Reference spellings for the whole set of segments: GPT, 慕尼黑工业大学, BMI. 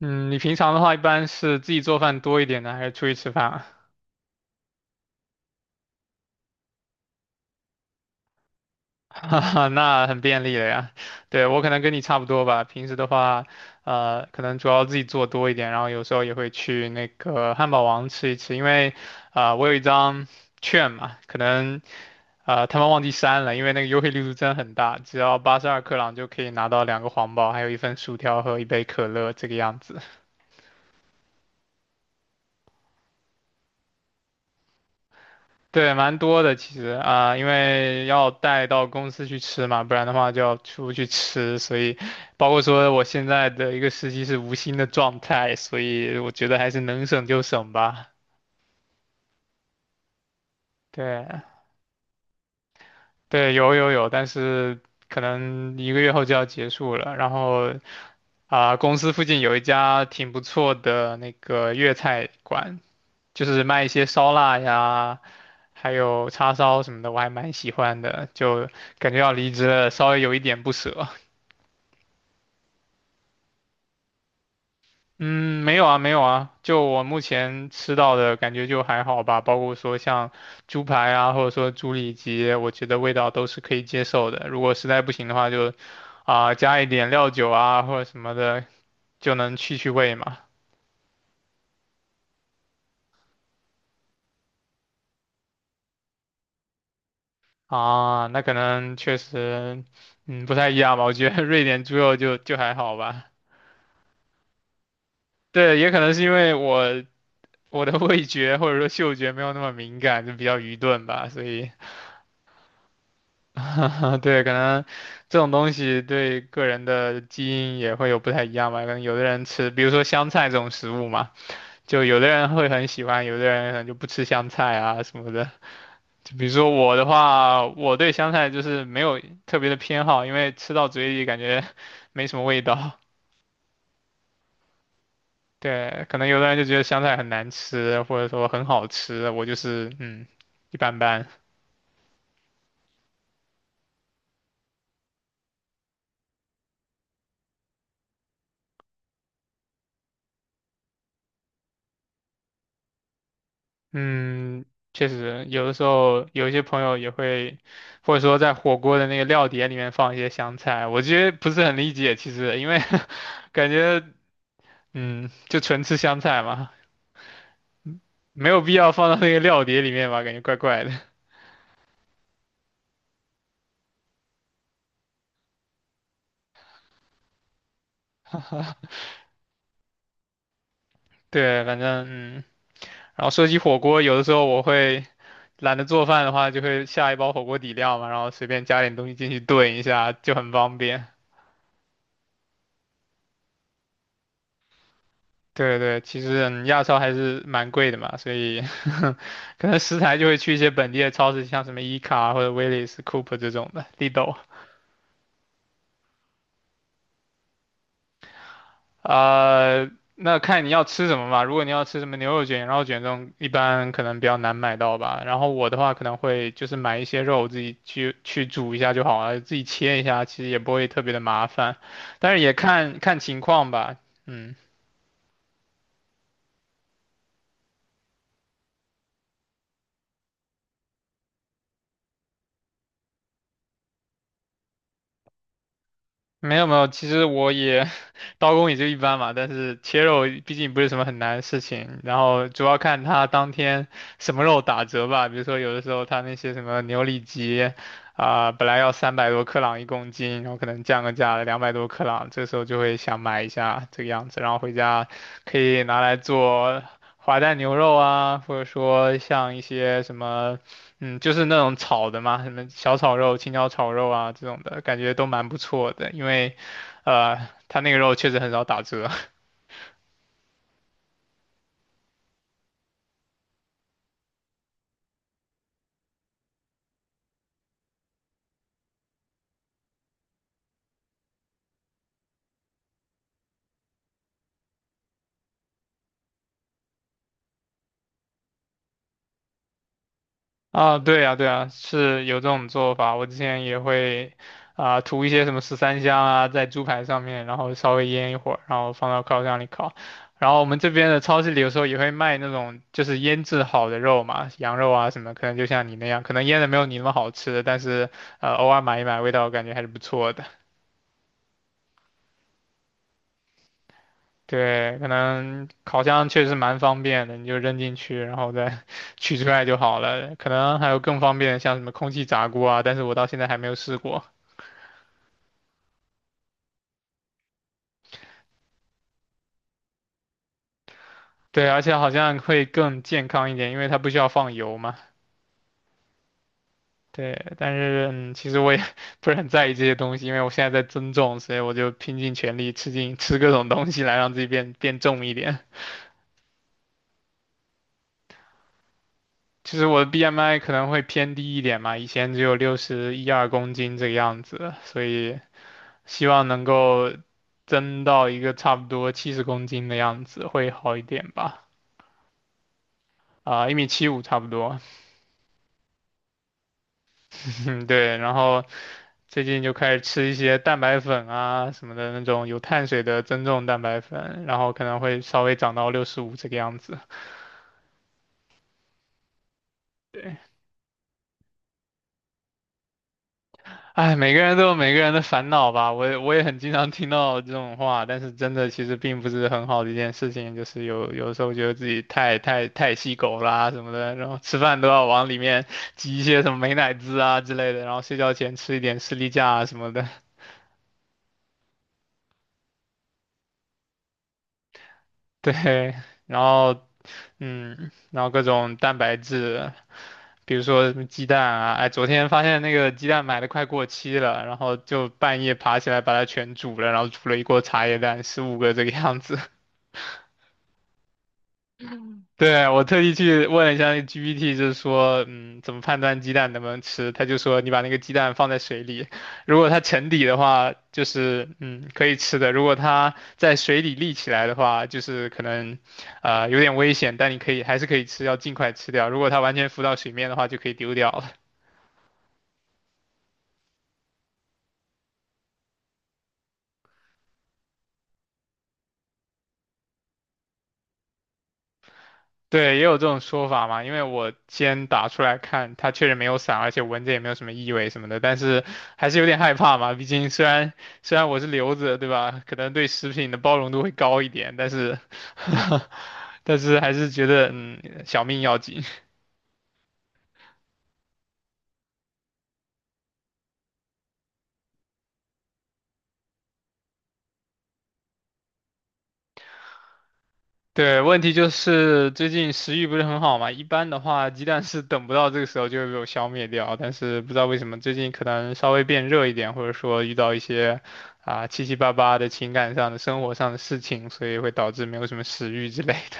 嗯，你平常的话一般是自己做饭多一点呢，还是出去吃饭啊？哈哈，那很便利了呀。对，我可能跟你差不多吧，平时的话，可能主要自己做多一点，然后有时候也会去那个汉堡王吃一吃，因为，我有一张券嘛，可能，他们忘记删了，因为那个优惠力度真的很大，只要82克朗就可以拿到两个皇堡，还有一份薯条和一杯可乐这个样子。对，蛮多的其实啊，因为要带到公司去吃嘛，不然的话就要出去吃，所以包括说我现在的一个实习是无薪的状态，所以我觉得还是能省就省吧。对，对，有有有，但是可能一个月后就要结束了。然后公司附近有一家挺不错的那个粤菜馆，就是卖一些烧腊呀，还有叉烧什么的，我还蛮喜欢的，就感觉要离职了，稍微有一点不舍。嗯，没有啊，没有啊，就我目前吃到的感觉就还好吧，包括说像猪排啊，或者说猪里脊，我觉得味道都是可以接受的。如果实在不行的话就，加一点料酒啊或者什么的，就能去去味嘛。啊，那可能确实，不太一样吧。我觉得瑞典猪肉就还好吧。对，也可能是因为我的味觉或者说嗅觉没有那么敏感，就比较愚钝吧，所以，对，可能这种东西对个人的基因也会有不太一样吧。可能有的人吃，比如说香菜这种食物嘛，就有的人会很喜欢，有的人可能就不吃香菜啊什么的。就比如说我的话，我对香菜就是没有特别的偏好，因为吃到嘴里感觉 没什么味道。对，可能有的人就觉得香菜很难吃，或者说很好吃，我就是一般般。嗯，确实，有的时候有一些朋友也会，或者说在火锅的那个料碟里面放一些香菜，我其实不是很理解，其实因为 感觉就纯吃香菜嘛，没有必要放到那个料碟里面吧，感觉怪怪的。对，反正然后说起火锅，有的时候我会懒得做饭的话，就会下一包火锅底料嘛，然后随便加点东西进去炖一下，就很方便。对对，其实亚超还是蛮贵的嘛，所以 可能食材就会去一些本地的超市，像什么伊卡或者威利斯、Coop 这种的，Lidl。那看你要吃什么吧。如果你要吃什么牛肉卷、羊肉卷这种，一般可能比较难买到吧。然后我的话可能会就是买一些肉，自己去煮一下就好了，自己切一下，其实也不会特别的麻烦。但是也看看情况吧，嗯。没有没有，其实我也 刀工也就一般嘛，但是切肉毕竟不是什么很难的事情，然后主要看他当天什么肉打折吧，比如说有的时候他那些什么牛里脊本来要300多克朗一公斤，然后可能降个价200多克朗，这时候就会想买一下这个样子，然后回家可以拿来做滑蛋牛肉啊，或者说像一些什么。嗯，就是那种炒的嘛，什么小炒肉、青椒炒肉啊这种的，感觉都蛮不错的。因为，呃，它那个肉确实很少打折 啊。对啊，对啊，是有这种做法。我之前也会涂一些什么十三香啊，在猪排上面，然后稍微腌一会儿，然后放到烤箱里烤。然后我们这边的超市里有时候也会卖那种就是腌制好的肉嘛，羊肉啊什么，可能就像你那样，可能腌的没有你那么好吃，但是偶尔买一买，味道感觉还是不错的。对，可能烤箱确实蛮方便的，你就扔进去，然后再 取出来就好了。可能还有更方便的，像什么空气炸锅啊，但是我到现在还没有试过。对，而且好像会更健康一点，因为它不需要放油嘛。对，但是其实我也 不是很在意这些东西，因为我现在在增重，所以我就拼尽全力吃进 吃各种东西来让自己变重一点。其实我的 BMI 可能会偏低一点嘛，以前只有六十一二公斤这个样子，所以。希望能够增到一个差不多70公斤的样子，会好一点吧。啊，一米七五差不多，嗯，对。然后最近就开始吃一些蛋白粉啊什么的那种有碳水的增重蛋白粉，然后可能会稍微长到65这个样子。对，哎，每个人都有每个人的烦恼吧，我也很经常听到这种话，但是真的其实并不是很好的一件事情，就是有时候觉得自己太细狗啦、什么的，然后吃饭都要往里面挤一些什么美乃滋啊之类的，然后睡觉前吃一点士力架啊什么的。对，然后然后各种蛋白质，比如说什么鸡蛋啊，哎，昨天发现那个鸡蛋买的快过期了，然后就半夜爬起来把它全煮了，然后煮了一锅茶叶蛋，15个这个样子。对，我特地去问了一下那 GPT,就是说，怎么判断鸡蛋能不能吃？他就说，你把那个鸡蛋放在水里，如果它沉底的话，就是可以吃的；如果它在水里立起来的话，就是可能，有点危险，但你可以还是可以吃，要尽快吃掉。如果它完全浮到水面的话，就可以丢掉了。对，也有这种说法嘛，因为我先打出来看，它确实没有散，而且闻着也没有什么异味什么的，但是还是有点害怕嘛。毕竟虽然我是留子，对吧？可能对食品的包容度会高一点，但是 但是还是觉得小命要紧。对，问题就是最近食欲不是很好嘛，一般的话鸡蛋是等不到这个时候就会被我消灭掉，但是不知道为什么最近可能稍微变热一点，或者说遇到一些七七八八的情感上的、生活上的事情，所以会导致没有什么食欲之类的。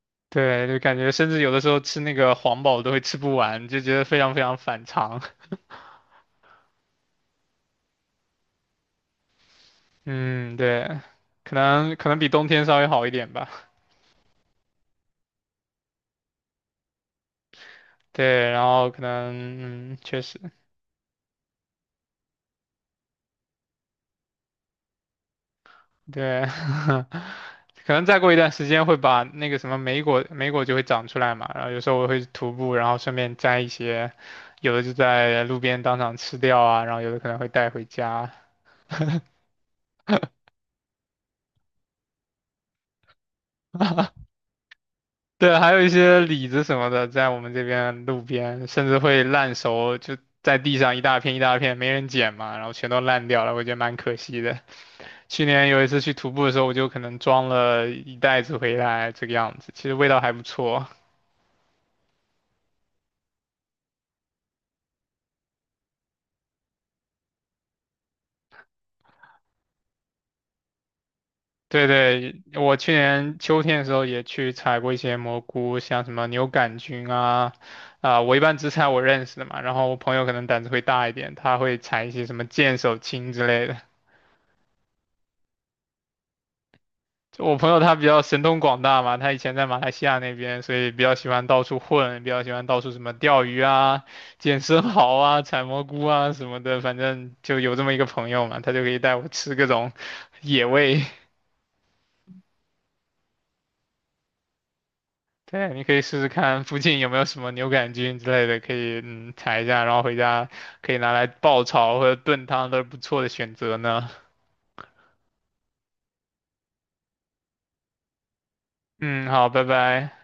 对，就感觉甚至有的时候吃那个黄堡都会吃不完，就觉得非常非常反常。嗯，对，可能比冬天稍微好一点吧。对，然后可能确实。对，可能再过一段时间会把那个什么莓果就会长出来嘛。然后有时候我会徒步，然后顺便摘一些，有的就在路边当场吃掉啊，然后有的可能会带回家。对，还有一些李子什么的，在我们这边路边，甚至会烂熟，就在地上一大片一大片，没人捡嘛，然后全都烂掉了，我觉得蛮可惜的。去年有一次去徒步的时候，我就可能装了一袋子回来，这个样子，其实味道还不错。对对，我去年秋天的时候也去采过一些蘑菇，像什么牛杆菌啊，我一般只采我认识的嘛，然后我朋友可能胆子会大一点，他会采一些什么剑手青之类的。就我朋友他比较神通广大嘛，他以前在马来西亚那边，所以比较喜欢到处混，比较喜欢到处什么钓鱼啊、捡生蚝啊、采蘑菇啊什么的，反正就有这么一个朋友嘛，他就可以带我吃各种野味。对，你可以试试看附近有没有什么牛肝菌之类的，可以采一下，然后回家可以拿来爆炒或者炖汤都是不错的选择呢。嗯，好，拜拜。